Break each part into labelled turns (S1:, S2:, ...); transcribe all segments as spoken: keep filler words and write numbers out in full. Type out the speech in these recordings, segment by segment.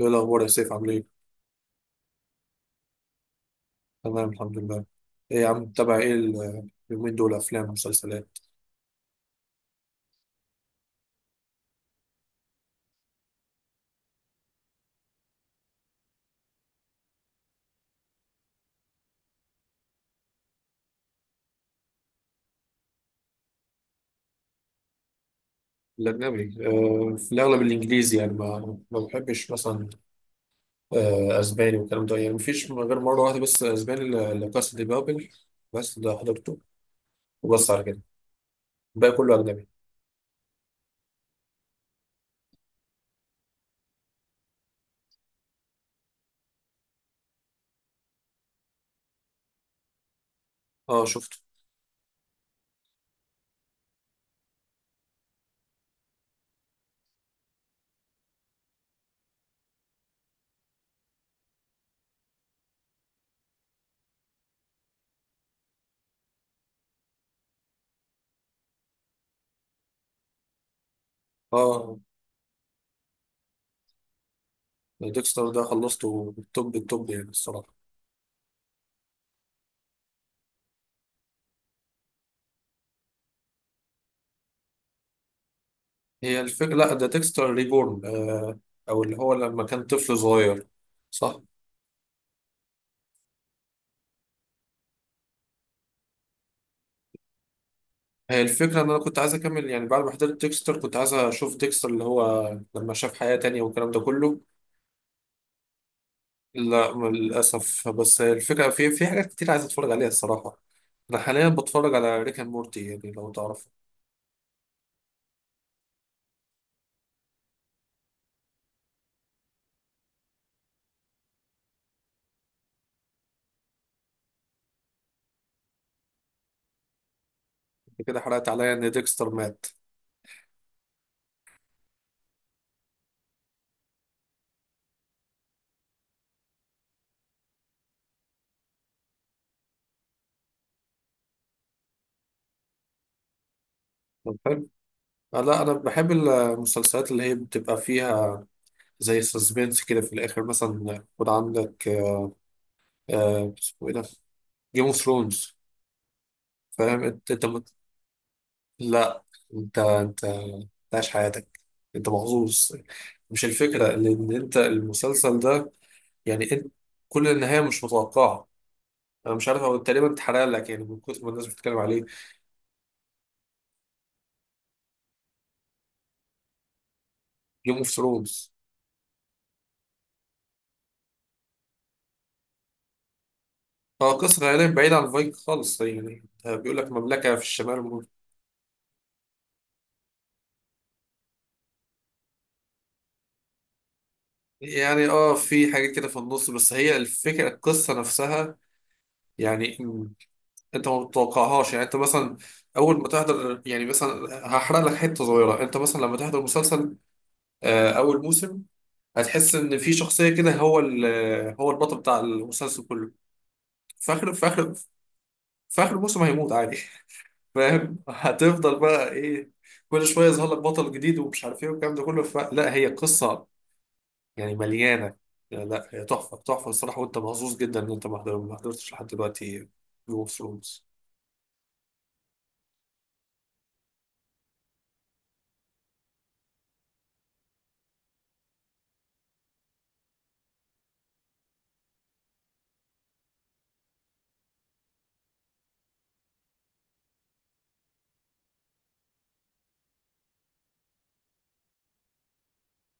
S1: ايه الاخبار يا سيف؟ عامل ايه؟ تمام، الحمد لله. ايه يا عم، متابع ايه ال- اليومين دول افلام ومسلسلات؟ الاجنبي، آه في الاغلب الانجليزي يعني ما ما بحبش مثلا آه اسباني والكلام ده، يعني مفيش غير مره واحده بس اسباني ل- لكاس دي بابل. بس ده حضرته وبس، على كده الباقي كله اجنبي. اه شفته. اه، ديكستر ده خلصته بالتوب التوب يعني الصراحه. هي الفكره، لا ده ديكستر ريبورن آه، او اللي هو لما كان طفل صغير. صح. هي الفكرة إن أنا كنت عايز أكمل، يعني بعد ما حضرت ديكستر كنت عايز أشوف ديكستر اللي هو لما شاف حياة تانية والكلام ده كله. لا للأسف، بس الفكرة في في حاجات كتير عايز أتفرج عليها الصراحة. أنا حاليا بتفرج على ريك أند مورتي، يعني لو تعرف. أنت كده حرقت عليا إن ديكستر مات. طب حلو. آه، لا أنا بحب المسلسلات اللي هي بتبقى فيها زي سسبنس كده، في الآخر مثلا يكون عندك آه، آه، اسمه إيه ده، جيم أوف ثرونز، فاهم أنت؟ أنت لا، انت انت انت عايش حياتك، انت محظوظ. مش الفكرة، لان انت المسلسل ده يعني انت كل النهاية مش متوقعة. انا مش عارف، هو تقريبا اتحرق لك يعني من كتر ما الناس بتتكلم عليه. جيم اوف ثرونز. اه قصة خيالية بعيدة عن فايك خالص، يعني ده بيقول لك مملكة في الشمال و- يعني اه في حاجات كده في النص، بس هي الفكرة القصة نفسها يعني م- انت ما بتتوقعهاش. يعني انت مثلا اول ما تحضر، يعني مثلا هحرق لك حتة صغيرة، انت مثلا لما تحضر مسلسل آه، اول موسم، هتحس ان في شخصيه كده هو ال- هو البطل بتاع المسلسل كله، في اخر في اخر في اخر الموسم هيموت عادي. فاهم؟ هتفضل بقى ايه، كل شويه يظهر لك بطل جديد ومش عارف ايه والكلام ده كله. ف... لا هي قصه يعني مليانه. لا لا، هي تحفه تحفه الصراحه، وانت محظوظ جدا ان انت ما حضر- ما حضرتش لحد دلوقتي جيم اوف ثرونز.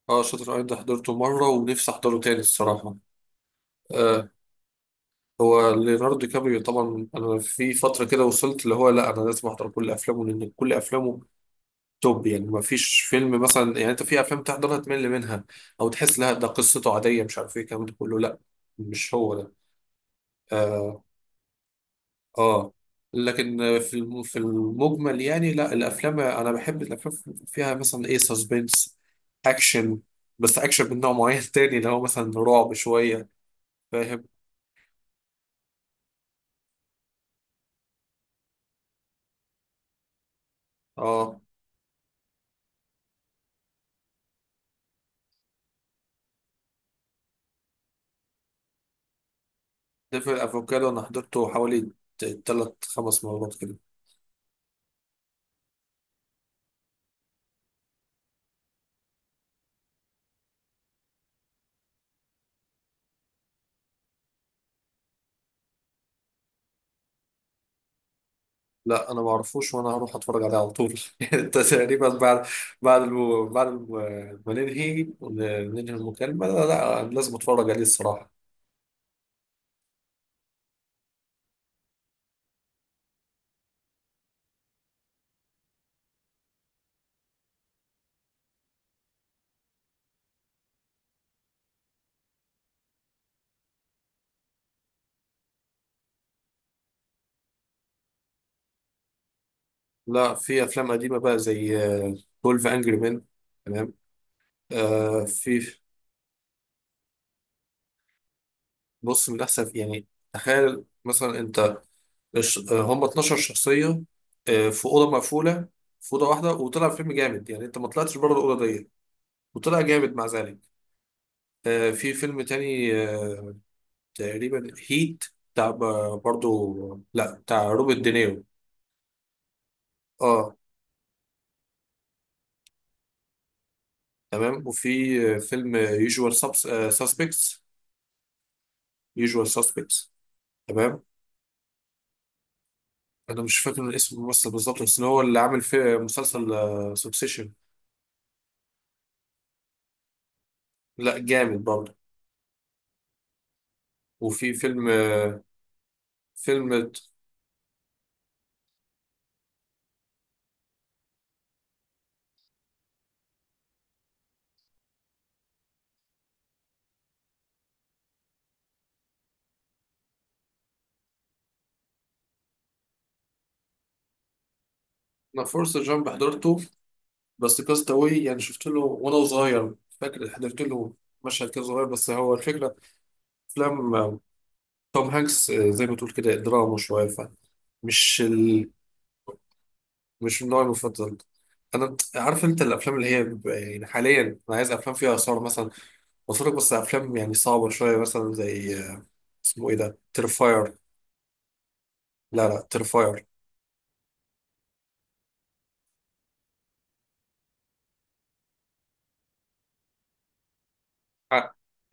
S1: اه شاطر ايضا حضرته مره ونفسي احضره تاني الصراحه. آه، هو ليوناردو دي كابريو، طبعا انا في فتره كده وصلت اللي هو لا انا لازم احضر كل افلامه، لان كل افلامه توب يعني، ما فيش فيلم مثلا يعني انت في افلام تحضرها تمل منها او تحس لا ده قصته عاديه مش عارف ايه الكلام ده كله، لا مش هو ده. اه, آه. لكن في الم- في المجمل يعني، لا الافلام، انا بحب الافلام فيها مثلا ايه، سسبنس، اكشن، بس اكشن من نوع معين تاني اللي هو مثلا رعب شويه، فاهم؟ اه دافع الافوكادو انا حضرته حوالي تلات خمس مرات كده. لا انا ما اعرفوش، وانا هروح اتفرج عليه على طول. انت تقريبا بعد بعد الم... بعد الم... ما ننهي ون- ننهي المكالمه، لا, لا لازم اتفرج عليه الصراحه. لا، في افلام قديمه بقى زي اتناشر انجري مان، تمام. آه في. بص من احسن يعني، تخيل مثلا انت الش- آه، هم اتناشر شخصيه آه، في اوضه مقفوله، في اوضه واحده وطلع فيلم جامد، يعني انت ما طلعتش بره الاوضه دي وطلع جامد مع ذلك. آه، في فيلم تاني آه، تقريبا هيت، بتاع ب- برضو، لا بتاع روبرت دينيرو. اه تمام. وفي آه، فيلم يوجوال ساسبكتس يوجوال ساسبكتس، تمام. انا مش فاكر اسم الممثل بالظبط، بس هو اللي عامل في مسلسل سوكسيشن. لا جامد برضه. وفي فيلم آه، فيلم. انا فورست جامب حضرته، بس كاستاوي يعني شفت له وانا صغير، فاكر حضرت له مشهد كده صغير. بس هو الفكره افلام توم هانكس آه، زي ما تقول كده دراما شوية، فمش ال... مش النوع المفضل. انا عارف انت الافلام اللي هي بيبقى يعني حاليا انا عايز افلام فيها اثار مثلا، بتفرج بس افلام يعني صعبه شويه، مثلا زي آه، اسمه ايه ده، ترفاير. لا لا، ترفاير.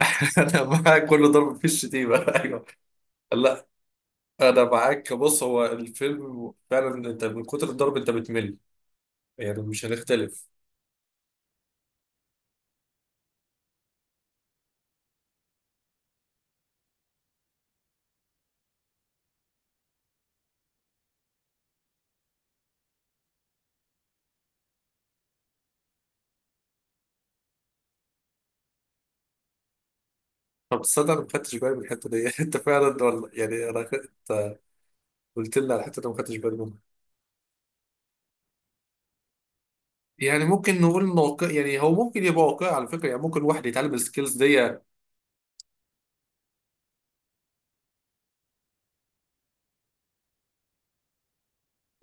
S1: انا معاك، كل ضرب في الشتيمه. ايوه. لا انا معاك، بص هو الفيلم فعلا انت من كتر الضرب انت بتمل، يعني مش هنختلف. طب صدق انا ما خدتش بالي من الحته دي، انت فعلا، ولا يعني انا خدت- قلت لي على الحته دي، ما خدتش بالي. يعني ممكن نقول واقع، يعني هو ممكن يبقى واقعي على فكره، يعني ممكن واحد يتعلم السكيلز دي.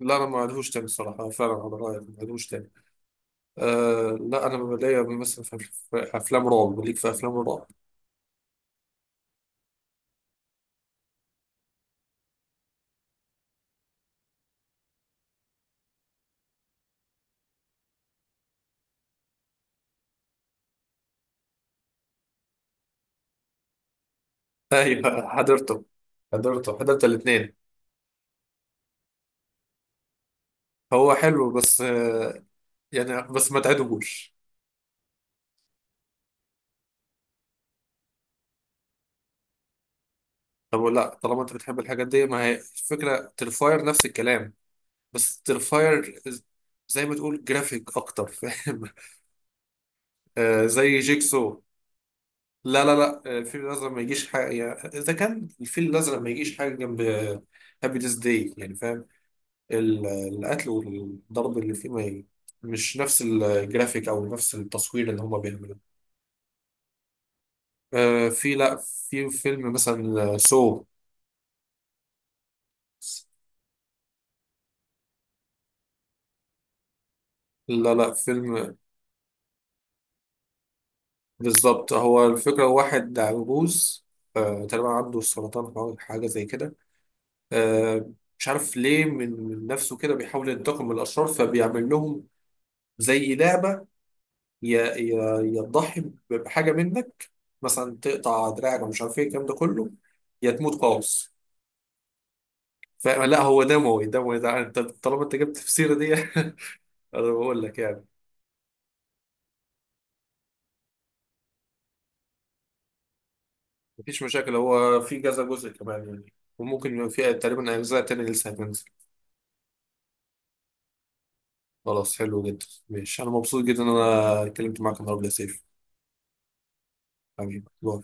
S1: لا انا ما عندهوش تاني الصراحه، فعلا على رايك ما عندهوش تاني. آه لا انا بلاقي مثلا في في افلام رعب، ليك في افلام الرعب. ايوه حضرته، حضرته حضرت الاثنين. هو حلو بس آه، يعني بس ما تعدهوش. طب لا طالما انت بتحب الحاجات دي، ما هي الفكره ترفاير نفس الكلام، بس ترفاير زي ما تقول جرافيك اكتر، فاهم؟ آه زي جيكسو. لا لا لا آه، الفيل الأزرق ما يجيش حاجة، يعني إذا كان الفيل الأزرق ما يجيش حاجة جنب هابي ديز داي يعني، فاهم؟ ال- القتل والضرب اللي فيه ما ي- مش نفس الجرافيك أو نفس التصوير اللي هما بيعملوه. آه، في، لا في فيلم مثلا سو. لا لا فيلم. بالظبط، هو الفكرة واحد عجوز آه، تقريبا عنده سرطان أو حاجة زي كده، آه، مش عارف ليه، من من نفسه كده بيحاول ينتقم من الأشرار، فبيعمل لهم زي لعبة، يا يا يا تضحي بحاجه منك، مثلا تقطع دراعك ومش عارف ايه الكلام ده كله، يا تموت قوس. فلا هو دموي دموي ده، انت طالما انت جبت في السيره دي انا بقول لك يعني. مفيش مشاكل، هو في كذا جزء كمان يعني، وممكن يبقى في تقريبا اجزاء تانية لسه هتنزل. خلاص، حلو جدا ماشي، انا مبسوط جدا ان انا اتكلمت معاك النهارده يا سيف. حبيبي باي.